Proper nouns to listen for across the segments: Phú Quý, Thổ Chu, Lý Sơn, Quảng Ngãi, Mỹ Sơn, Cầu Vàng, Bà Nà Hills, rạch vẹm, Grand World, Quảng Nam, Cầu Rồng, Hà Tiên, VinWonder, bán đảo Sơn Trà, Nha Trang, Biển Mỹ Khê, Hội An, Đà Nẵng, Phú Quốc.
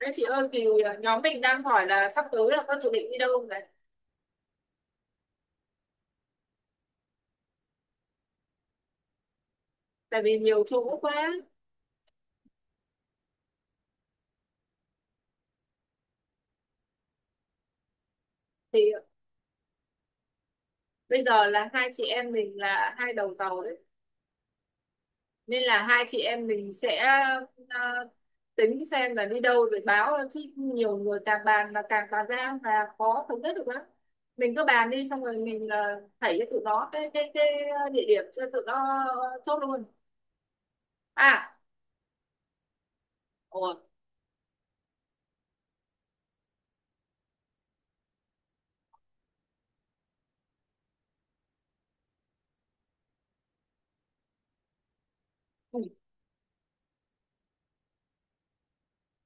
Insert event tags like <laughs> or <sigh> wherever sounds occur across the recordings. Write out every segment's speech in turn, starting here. Đấy chị ơi thì nhóm mình đang hỏi là sắp tới là có dự định đi đâu này. Tại vì nhiều chỗ quá thì bây giờ là hai chị em mình là hai đầu tàu đấy, nên là hai chị em mình sẽ ờ, tính xem là đi đâu rồi báo, chứ nhiều người càng bàn là càng bàn ra là khó thống nhất được lắm. Mình cứ bàn đi xong rồi mình là thảy cho tụi nó cái địa điểm cho tụi nó chốt luôn à. Ồ,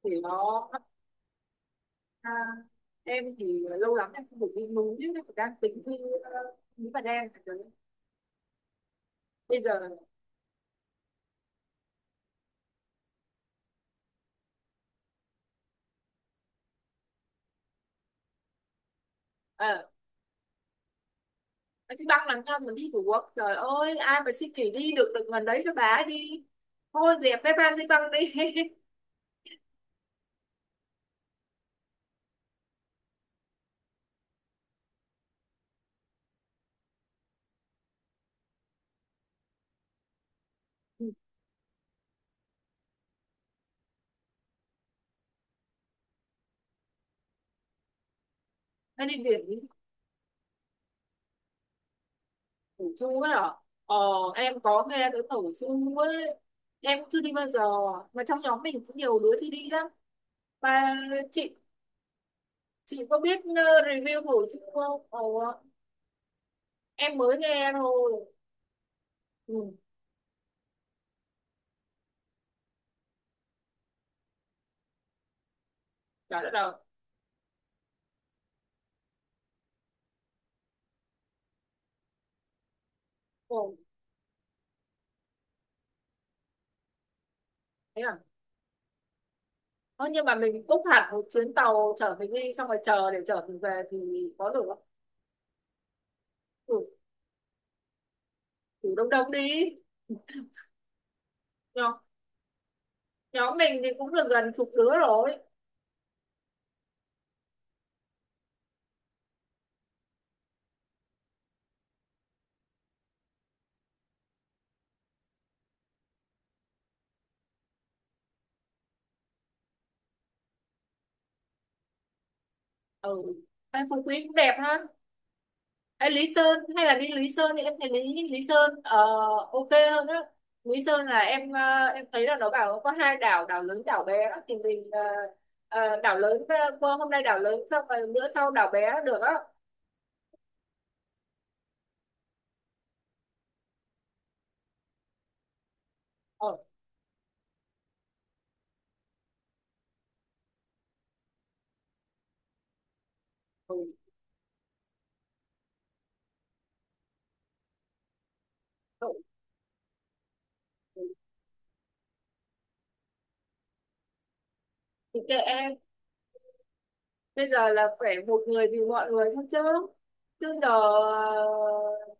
thì nó. À, em thì lâu lắm em không được đi núi chứ em đang tính đi ờ, núi Bà Đen bây giờ. ờ À, chị băng làm cho mình đi Phú Quốc. Trời ơi ai mà xin nghỉ đi được được gần đấy cho bà ấy đi. Thôi dẹp cái van xin băng đi. <laughs> Ừ, anh đi biển đi. Thổ Chu ấy hả? ờ em có nghe tới Thổ Chu ấy, em cũng chưa đi bao giờ, mà trong nhóm mình cũng nhiều đứa chưa đi lắm. Mà chị chị có biết review Thổ Chu không? Ờ, em mới nghe thôi. Ừ, trời đất ơi. Ừ. Thế à? Ơ, nhưng mà mình book hẳn một chuyến tàu chở mình đi xong rồi chờ để chở mình về thì có được không? Ừ, thử đông đông đi. Nhóm, nhóm mình thì cũng được gần chục đứa rồi. Ừ. Em Phú Quý cũng đẹp ha. Ê, Lý Sơn hay là đi Lý Sơn thì em thấy Lý Lý Sơn ok hơn đó. Lý Sơn là em thấy là nó bảo có hai đảo, đảo lớn đảo bé đó. Thì mình, đảo lớn, qua hôm nay đảo lớn xong rồi bữa sau đảo bé được á. Ờ, ừ, ừ, ừ. Thì kệ em. Bây giờ là phải một người vì mọi người thôi chứ chứ giờ,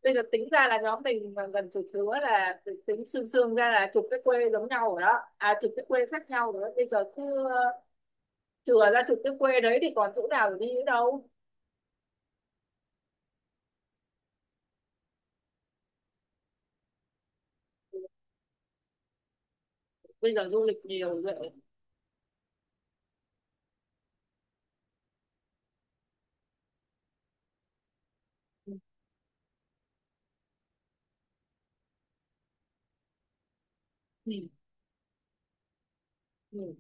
bây giờ tính ra là nhóm mình mà gần chục đứa là tính xương xương ra là chục cái quê giống nhau rồi đó. À, chục cái quê khác nhau rồi đó. Bây giờ cứ, ờ, chừa ra chục cái quê đấy thì còn chỗ nào để đi nữa đâu. Bây giờ du lịch nhiều rồi. Ừ. Ừ. Ừ.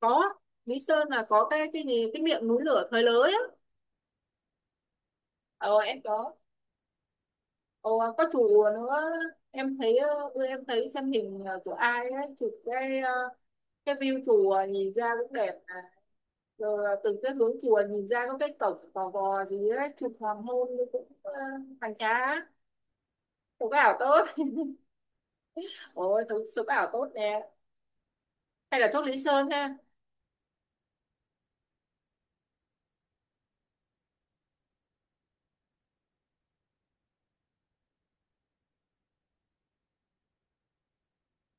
Có. Mỹ Sơn là có cái gì cái miệng núi lửa thời lới á. Ờ em có. Ồ, có chủ nữa. Em thấy, bữa em thấy xem hình, của ai ấy chụp cái view chùa nhìn ra cũng đẹp mà. Rồi từng cái hướng chùa nhìn ra có cái cổng gò gò gì ấy, chụp hoàng hôn cũng, hoành tráng. Chụp ảo tốt. Ôi thực sự ảo tốt nè. Hay là chốt Lý Sơn ha.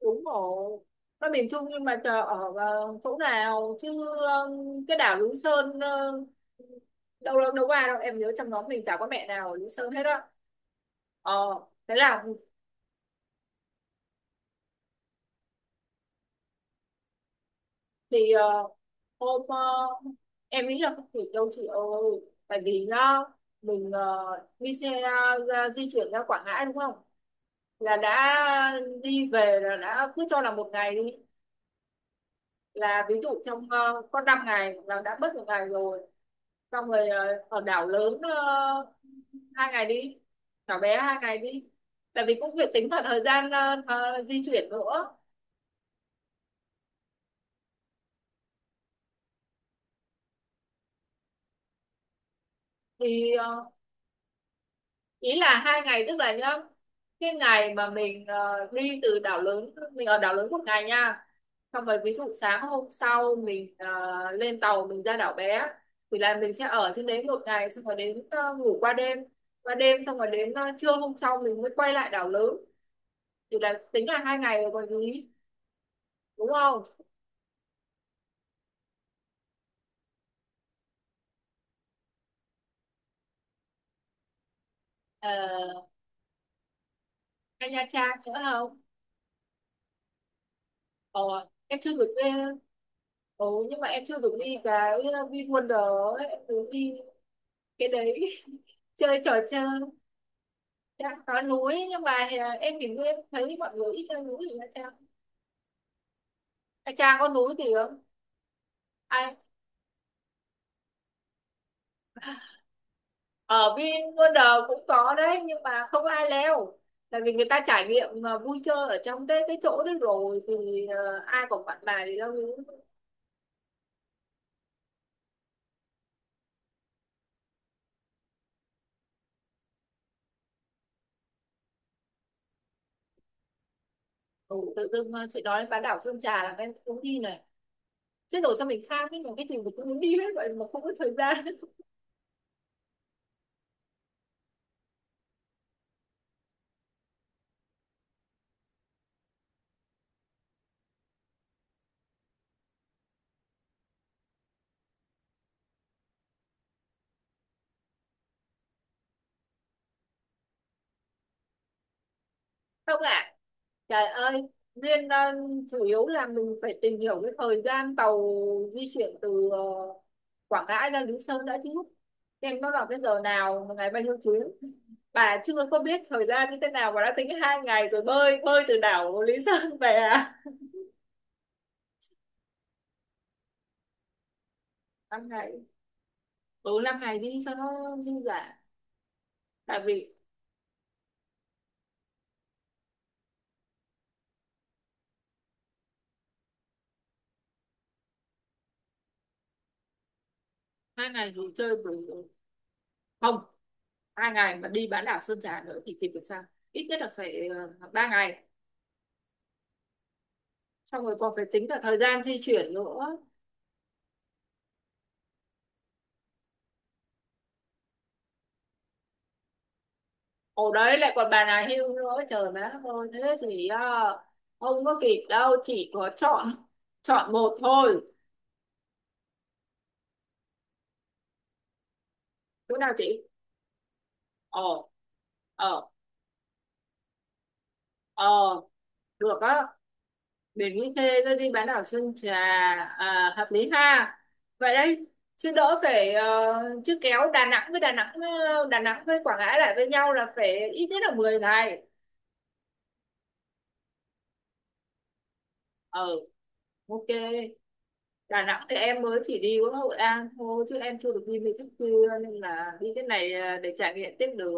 Đúng rồi, nó miền Trung nhưng mà chờ ở, chỗ nào chứ, ờ, cái đảo Lý Sơn, đâu đâu đâu qua đâu, em nhớ trong nhóm mình chả có mẹ nào ở Lý Sơn hết á. Ờ, thế là, thì, hôm, em nghĩ là không kịp đâu chị ơi. Tại vì nó, mình, đi xe, ra, di chuyển ra Quảng Ngãi đúng không, là đã. Đi về là đã, cứ cho là 1 ngày đi, là ví dụ trong, có 5 ngày là đã mất 1 ngày rồi. Xong rồi, ở đảo lớn, 2 ngày đi. Đảo bé 2 ngày đi. Tại vì cũng việc tính cả thời gian, di chuyển nữa. Thì, ý là 2 ngày tức là nhá, cái ngày mà mình, đi từ đảo lớn, mình ở đảo lớn 1 ngày nha. Xong rồi ví dụ sáng hôm sau mình, lên tàu mình ra đảo bé. Thì là mình sẽ ở trên đấy 1 ngày, xong rồi đến, ngủ qua đêm. Qua đêm xong rồi đến, trưa hôm sau mình mới quay lại đảo lớn. Thì là tính là 2 ngày rồi còn gì, đúng không? Ờ, hay Nha Trang nữa không? ờ, em chưa được đi. Ừ, nhưng mà em chưa được đi cái VinWonder ấy, em muốn đi cái đấy. <laughs> Chơi trò chơi. Dạ, có núi nhưng mà à, em thì em thấy mọi người ít leo núi thì Nha Trang. Nha Trang có núi thì không? Ai ở VinWonder cũng có đấy nhưng mà không ai leo. Tại vì người ta trải nghiệm mà vui chơi ở trong cái chỗ đấy rồi thì, à, ai còn bạn bài thì leo núi. Ừ, tự dưng à, chị nói đến bán đảo Sơn Trà là em cũng đi này. Chết rồi, sao mình kham ấy, mà cái gì mình cũng muốn đi hết vậy mà không có thời gian. Không ạ. Trời ơi. Nên, chủ yếu là mình phải tìm hiểu cái thời gian tàu di chuyển từ, Quảng Ngãi ra Lý Sơn đã chứ. Em, nó vào cái giờ nào mà ngày bao nhiêu chuyến. Bà chưa có biết thời gian như thế nào mà đã tính hai ngày rồi bơi bơi từ đảo Lý Sơn về à. 5 ngày. Ừ, 5 ngày đi cho nó dư dả. Tại vì 2 ngày rồi chơi buổi. Không, 2 ngày mà đi bán đảo Sơn Trà nữa thì kịp được sao? Ít nhất là phải, 3 ngày. Xong rồi còn phải tính cả thời gian di chuyển nữa. Ồ đấy, lại còn bà nào hưu nữa, trời má ơi, thế thì à, không có kịp đâu, chỉ có chọn chọn một thôi. Chỗ nào chị? ờ ờ ờ Được á. Biển Mỹ Khê rồi đi bán đảo Sơn Trà, à, hợp lý ha. Vậy đấy, chứ đỡ phải, chứ kéo Đà Nẵng với Đà Nẵng Đà Nẵng với Quảng Ngãi lại với nhau là phải ít nhất là 10 ngày. Ờ, ok. Đà Nẵng thì em mới chỉ đi có Hội An thôi chứ em chưa được đi mấy cái kia, nên là đi cái này à, để trải nghiệm tiếp được.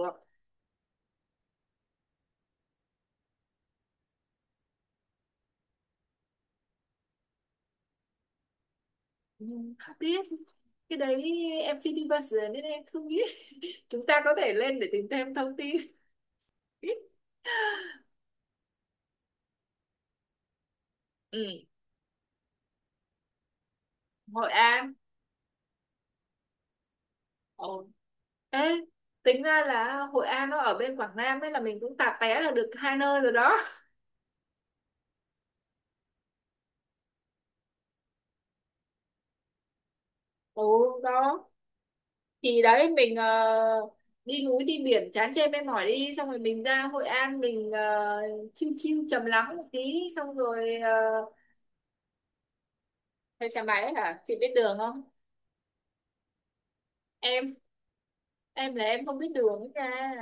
Nhưng không biết, cái đấy em chưa đi bao giờ nên em không biết. <laughs> Chúng ta có thể lên để tìm thêm thông tin. <laughs> Ừ, Hội An. Ồ. Ê, tính ra là Hội An nó ở bên Quảng Nam ấy, là mình cũng tạp té là được hai nơi rồi đó. Ồ đó. Thì đấy mình, đi núi đi biển chán chê mệt mỏi, đi xong rồi mình ra Hội An mình, chill chill trầm lắng một tí, xong rồi, thuê xe máy hả, chị biết đường không? em em là em không biết đường ấy nha.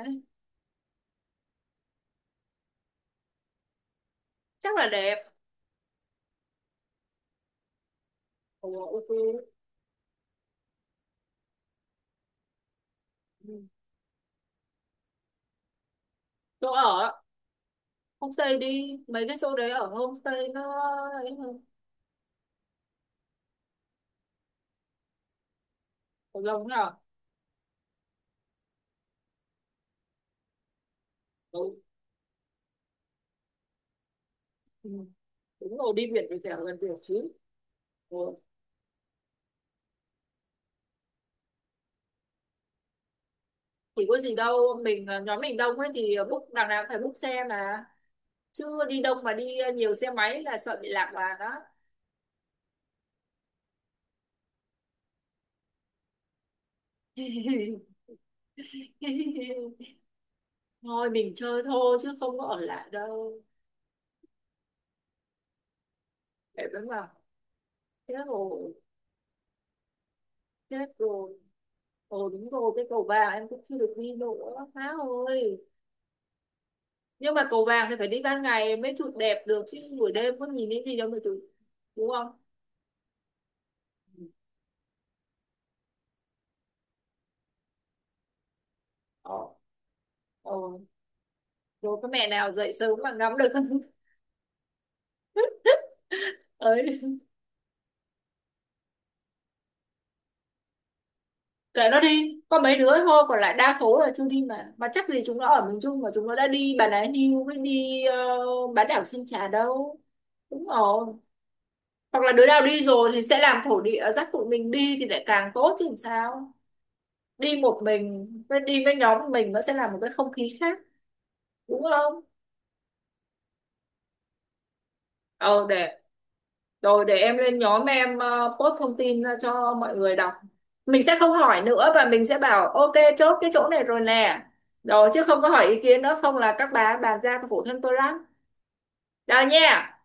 Chắc là đẹp. Ủa, ok. Ừ. Chỗ ở, homestay đi, mấy cái chỗ đấy ở homestay nó ấy hơn. Cầu Rồng nhở. Ừ. Ừ. Đúng rồi, đi biển thì phải ở gần biển chứ. Ừ. Thì có gì đâu, mình, nhóm mình đông ấy thì book đằng nào cũng phải book xe mà. Chưa đi đông mà đi, nhiều xe máy là sợ bị lạc đoàn đó. <laughs> Thôi mình chơi thôi chứ không có ở lại đâu. Để vẫn mà. Chết rồi, chết rồi, ồ đúng rồi, cái cầu vàng em cũng chưa được đi nữa má ơi. Nhưng mà cầu vàng thì phải đi ban ngày mới chụp đẹp được chứ buổi đêm có nhìn thấy gì đâu mà chụp, đúng không? ờ ờ Rồi có mẹ nào dậy sớm mà ngắm được không? <laughs> Ấy, kệ nó đi có mấy đứa thôi còn lại đa số là chưa đi, mà chắc gì chúng nó ở miền Trung mà chúng nó đã đi Bà Nà Hills với đi, bán đảo Sơn Trà đâu. Đúng rồi, hoặc là đứa nào đi rồi thì sẽ làm thổ địa dắt tụi mình đi thì lại càng tốt chứ làm sao. Đi một mình với đi với nhóm của mình nó sẽ là một cái không khí khác, đúng không? Ờ để. Rồi để em lên nhóm em, post thông tin ra cho mọi người đọc. Mình sẽ không hỏi nữa và mình sẽ bảo ok chốt cái chỗ này rồi nè. Rồi chứ không có hỏi ý kiến nữa không là các bà bàn ra phụ thân tôi lắm. Rồi nha.